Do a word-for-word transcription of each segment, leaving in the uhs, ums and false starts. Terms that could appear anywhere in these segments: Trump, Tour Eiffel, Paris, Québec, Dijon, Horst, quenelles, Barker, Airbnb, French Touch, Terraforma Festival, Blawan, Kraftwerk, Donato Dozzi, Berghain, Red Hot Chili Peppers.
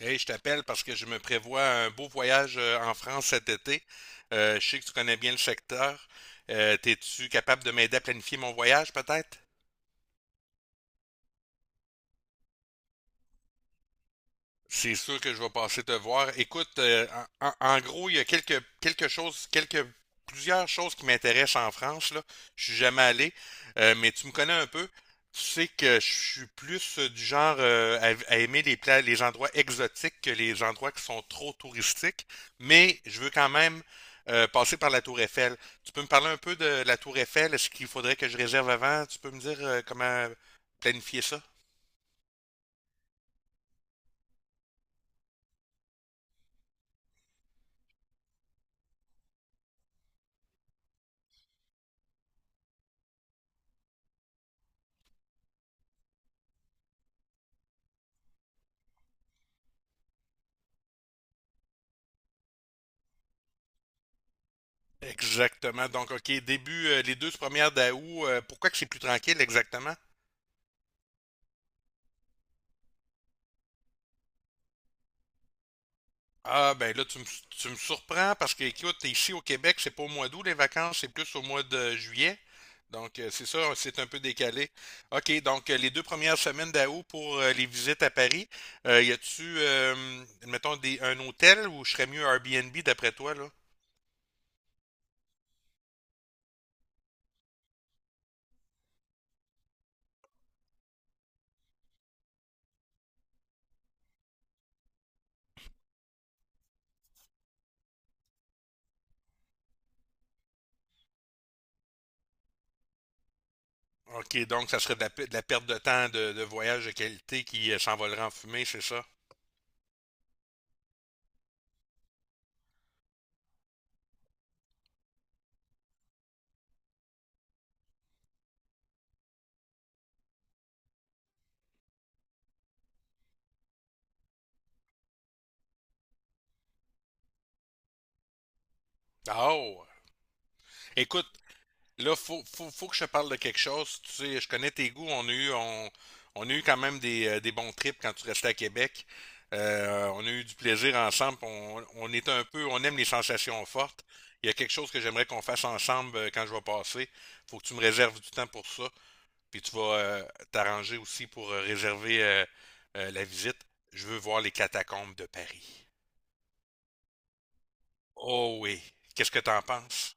Hey, je t'appelle parce que je me prévois un beau voyage euh, en France cet été. Euh, je sais que tu connais bien le secteur. Euh, t'es-tu capable de m'aider à planifier mon voyage, peut-être? C'est sûr que je vais passer te voir. Écoute, euh, en, en gros, il y a quelques, quelque chose, quelques, plusieurs choses qui m'intéressent en France, là. Je suis jamais allé, euh, mais tu me connais un peu. Tu sais que je suis plus euh, du genre euh, à, à aimer les pla- les endroits exotiques que les endroits qui sont trop touristiques, mais je veux quand même euh, passer par la Tour Eiffel. Tu peux me parler un peu de la Tour Eiffel? Est-ce qu'il faudrait que je réserve avant? Tu peux me dire euh, comment planifier ça? Exactement. Donc, OK, début, euh, les deux premières d'août, euh, pourquoi que c'est plus tranquille exactement? Ah, ben là, tu me, tu me surprends parce que, écoute, ici au Québec, c'est pas au mois d'août les vacances, c'est plus au mois de juillet. Donc, euh, c'est ça, c'est un peu décalé. OK, donc euh, les deux premières semaines d'août pour euh, les visites à Paris, euh, y a-tu, euh, mettons, des, un hôtel où je serais mieux Airbnb d'après toi, là? OK, donc ça serait de la, pe- de la perte de temps de, de voyage de qualité qui euh, s'envolera en fumée, c'est ça? Ah, oh! Écoute, là, faut, faut, faut que je te parle de quelque chose. Tu sais, je connais tes goûts. On a eu, on, on a eu quand même des, euh, des bons trips quand tu restais à Québec. Euh, on a eu du plaisir ensemble. On, on est un peu, on aime les sensations fortes. Il y a quelque chose que j'aimerais qu'on fasse ensemble euh, quand je vais passer. Faut que tu me réserves du temps pour ça. Puis tu vas euh, t'arranger aussi pour euh, réserver euh, euh, la visite. Je veux voir les catacombes de Paris. Oh oui. Qu'est-ce que t'en penses?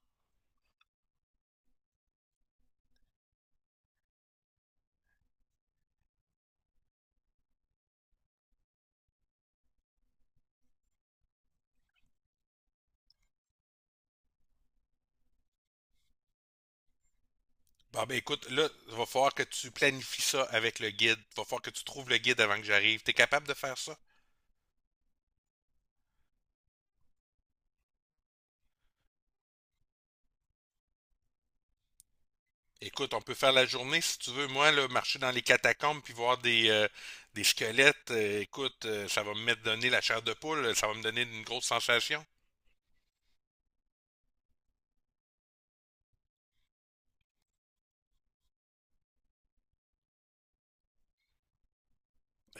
Bon, ben écoute, là, il va falloir que tu planifies ça avec le guide. Il va falloir que tu trouves le guide avant que j'arrive. T'es capable de faire ça? Écoute, on peut faire la journée si tu veux. Moi, là, marcher dans les catacombes puis voir des, euh, des squelettes, euh, écoute, euh, ça va me mettre donner la chair de poule, ça va me donner une grosse sensation.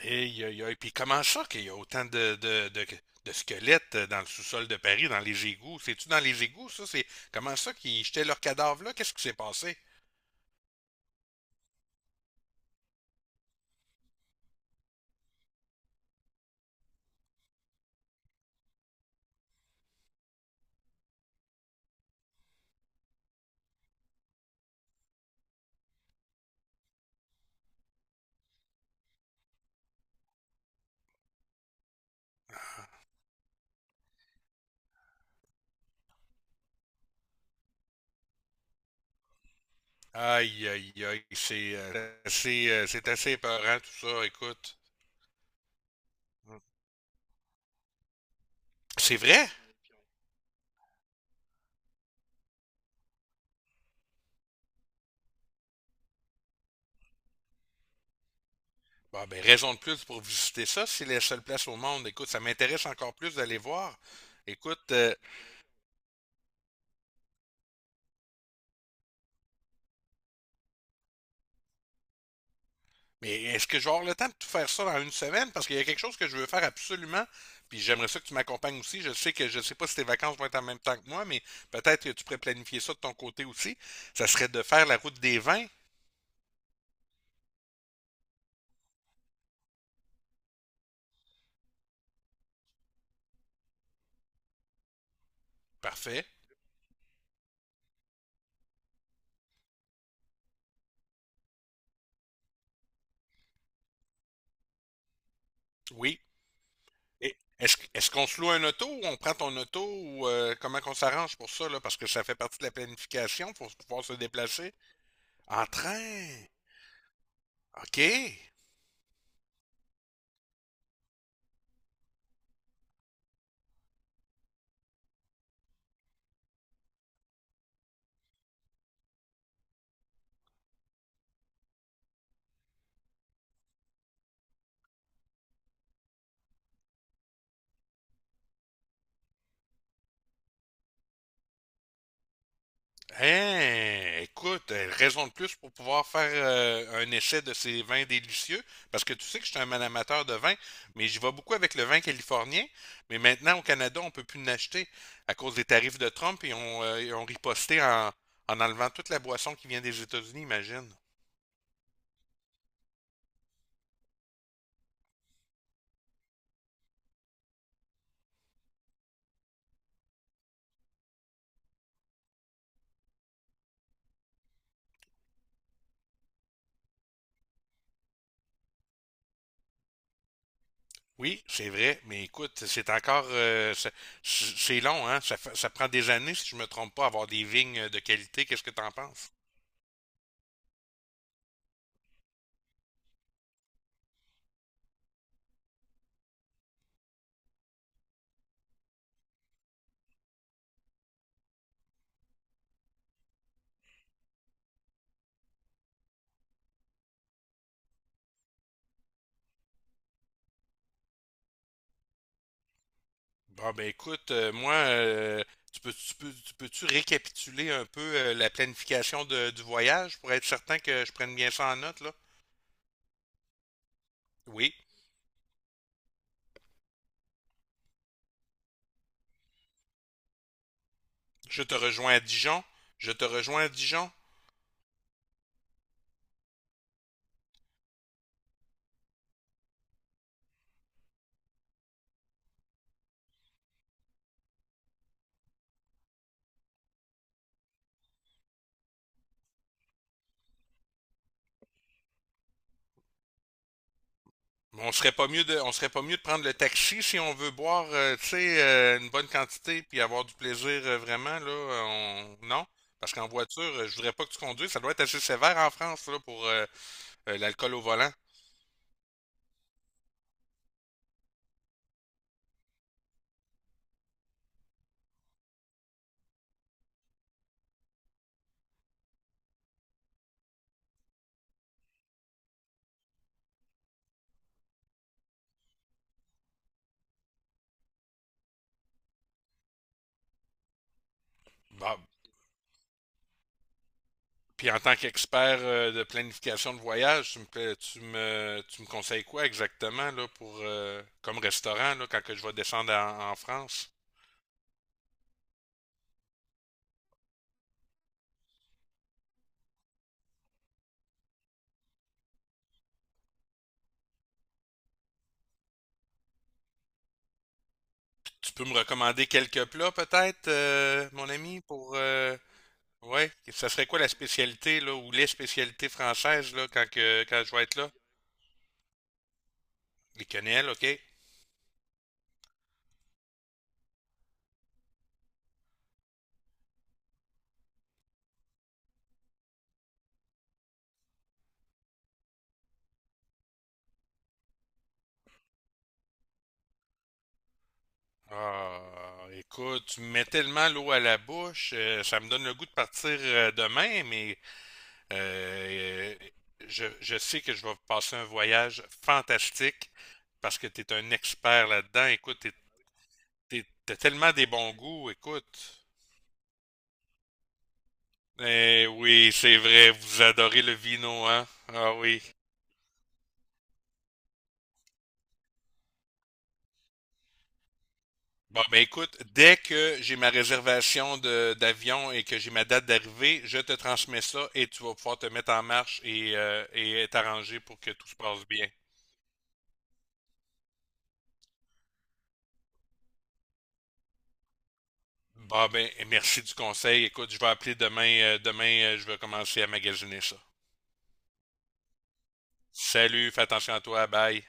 Et, y a- y a- et puis comment ça qu'il y a autant de, de, de, de squelettes euh, dans le sous-sol de Paris, dans les égouts? C'est-tu dans les égouts, ça? C'est comment ça qu'ils jetaient leurs cadavres là? Qu'est-ce qui s'est passé? Aïe, aïe, aïe, c'est euh, assez, euh, c'est assez épeurant tout ça, écoute. C'est vrai? Bon, ben, raison de plus pour visiter ça, c'est la seule place au monde. Écoute, ça m'intéresse encore plus d'aller voir. Écoute, euh, mais est-ce que j'aurai le temps de tout faire ça dans une semaine? Parce qu'il y a quelque chose que je veux faire absolument, puis j'aimerais ça que tu m'accompagnes aussi. Je sais que je sais pas si tes vacances vont être en même temps que moi, mais peut-être que tu pourrais planifier ça de ton côté aussi. Ça serait de faire la route des vins. Parfait. Oui. Et Est-ce, est-ce qu'on se loue un auto ou on prend ton auto ou euh, comment qu'on s'arrange pour ça, là? Parce que ça fait partie de la planification, faut pouvoir se déplacer. En train. OK. Hein, écoute, euh, raison de plus pour pouvoir faire euh, un essai de ces vins délicieux, parce que tu sais que je suis un amateur de vin, mais j'y vais beaucoup avec le vin californien, mais maintenant au Canada, on peut plus l'acheter à cause des tarifs de Trump et on, euh, ils ont riposté en, en enlevant toute la boisson qui vient des États-Unis, imagine. Oui, c'est vrai, mais écoute, c'est encore, euh, c'est c'est long, hein? Ça, fa- ça prend des années, si je me trompe pas, avoir des vignes de qualité. Qu'est-ce que t'en penses? Bon, ben écoute, euh, moi, euh, tu peux, tu peux, tu peux-tu récapituler un peu euh, la planification de- du voyage pour être certain que je prenne bien ça en note, là? Oui, je te rejoins à Dijon. Je te rejoins à Dijon. Mais on serait pas mieux de, on serait pas mieux de prendre le taxi si on veut boire, euh, tu sais, euh, une bonne quantité puis avoir du plaisir euh, vraiment là. euh, on- Non, parce qu'en voiture, euh, je voudrais pas que tu conduises. Ça doit être assez sévère en France là pour euh, euh, l'alcool au volant. Bah, puis en tant qu'expert euh, de planification de voyage, tu me, pla- tu me, tu me conseilles quoi exactement là pour euh, comme restaurant là quand que je vais descendre en, en France? Tu peux me recommander quelques plats peut-être, euh, mon ami, pour euh. Ouais, et ça serait quoi la spécialité là ou les spécialités françaises là quand que quand je vais être là? Les quenelles, OK. Ah, écoute, tu me mets tellement l'eau à la bouche, euh, ça me donne le goût de partir euh, demain, mais euh, euh, je, je sais que je vais passer un voyage fantastique parce que tu es un expert là-dedans. Écoute, t'es, t'es- t'as tellement des bons goûts, écoute. Eh oui, c'est vrai, vous adorez le vino, hein? Ah oui. Bon, ben écoute, dès que j'ai ma réservation de- d'avion et que j'ai ma date d'arrivée, je te transmets ça et tu vas pouvoir te mettre en marche et, euh, et t'arranger pour que tout se passe bien. Bon, ben merci du conseil. Écoute, je vais appeler demain. euh, demain, euh, je vais commencer à magasiner ça. Salut, fais attention à toi. Bye.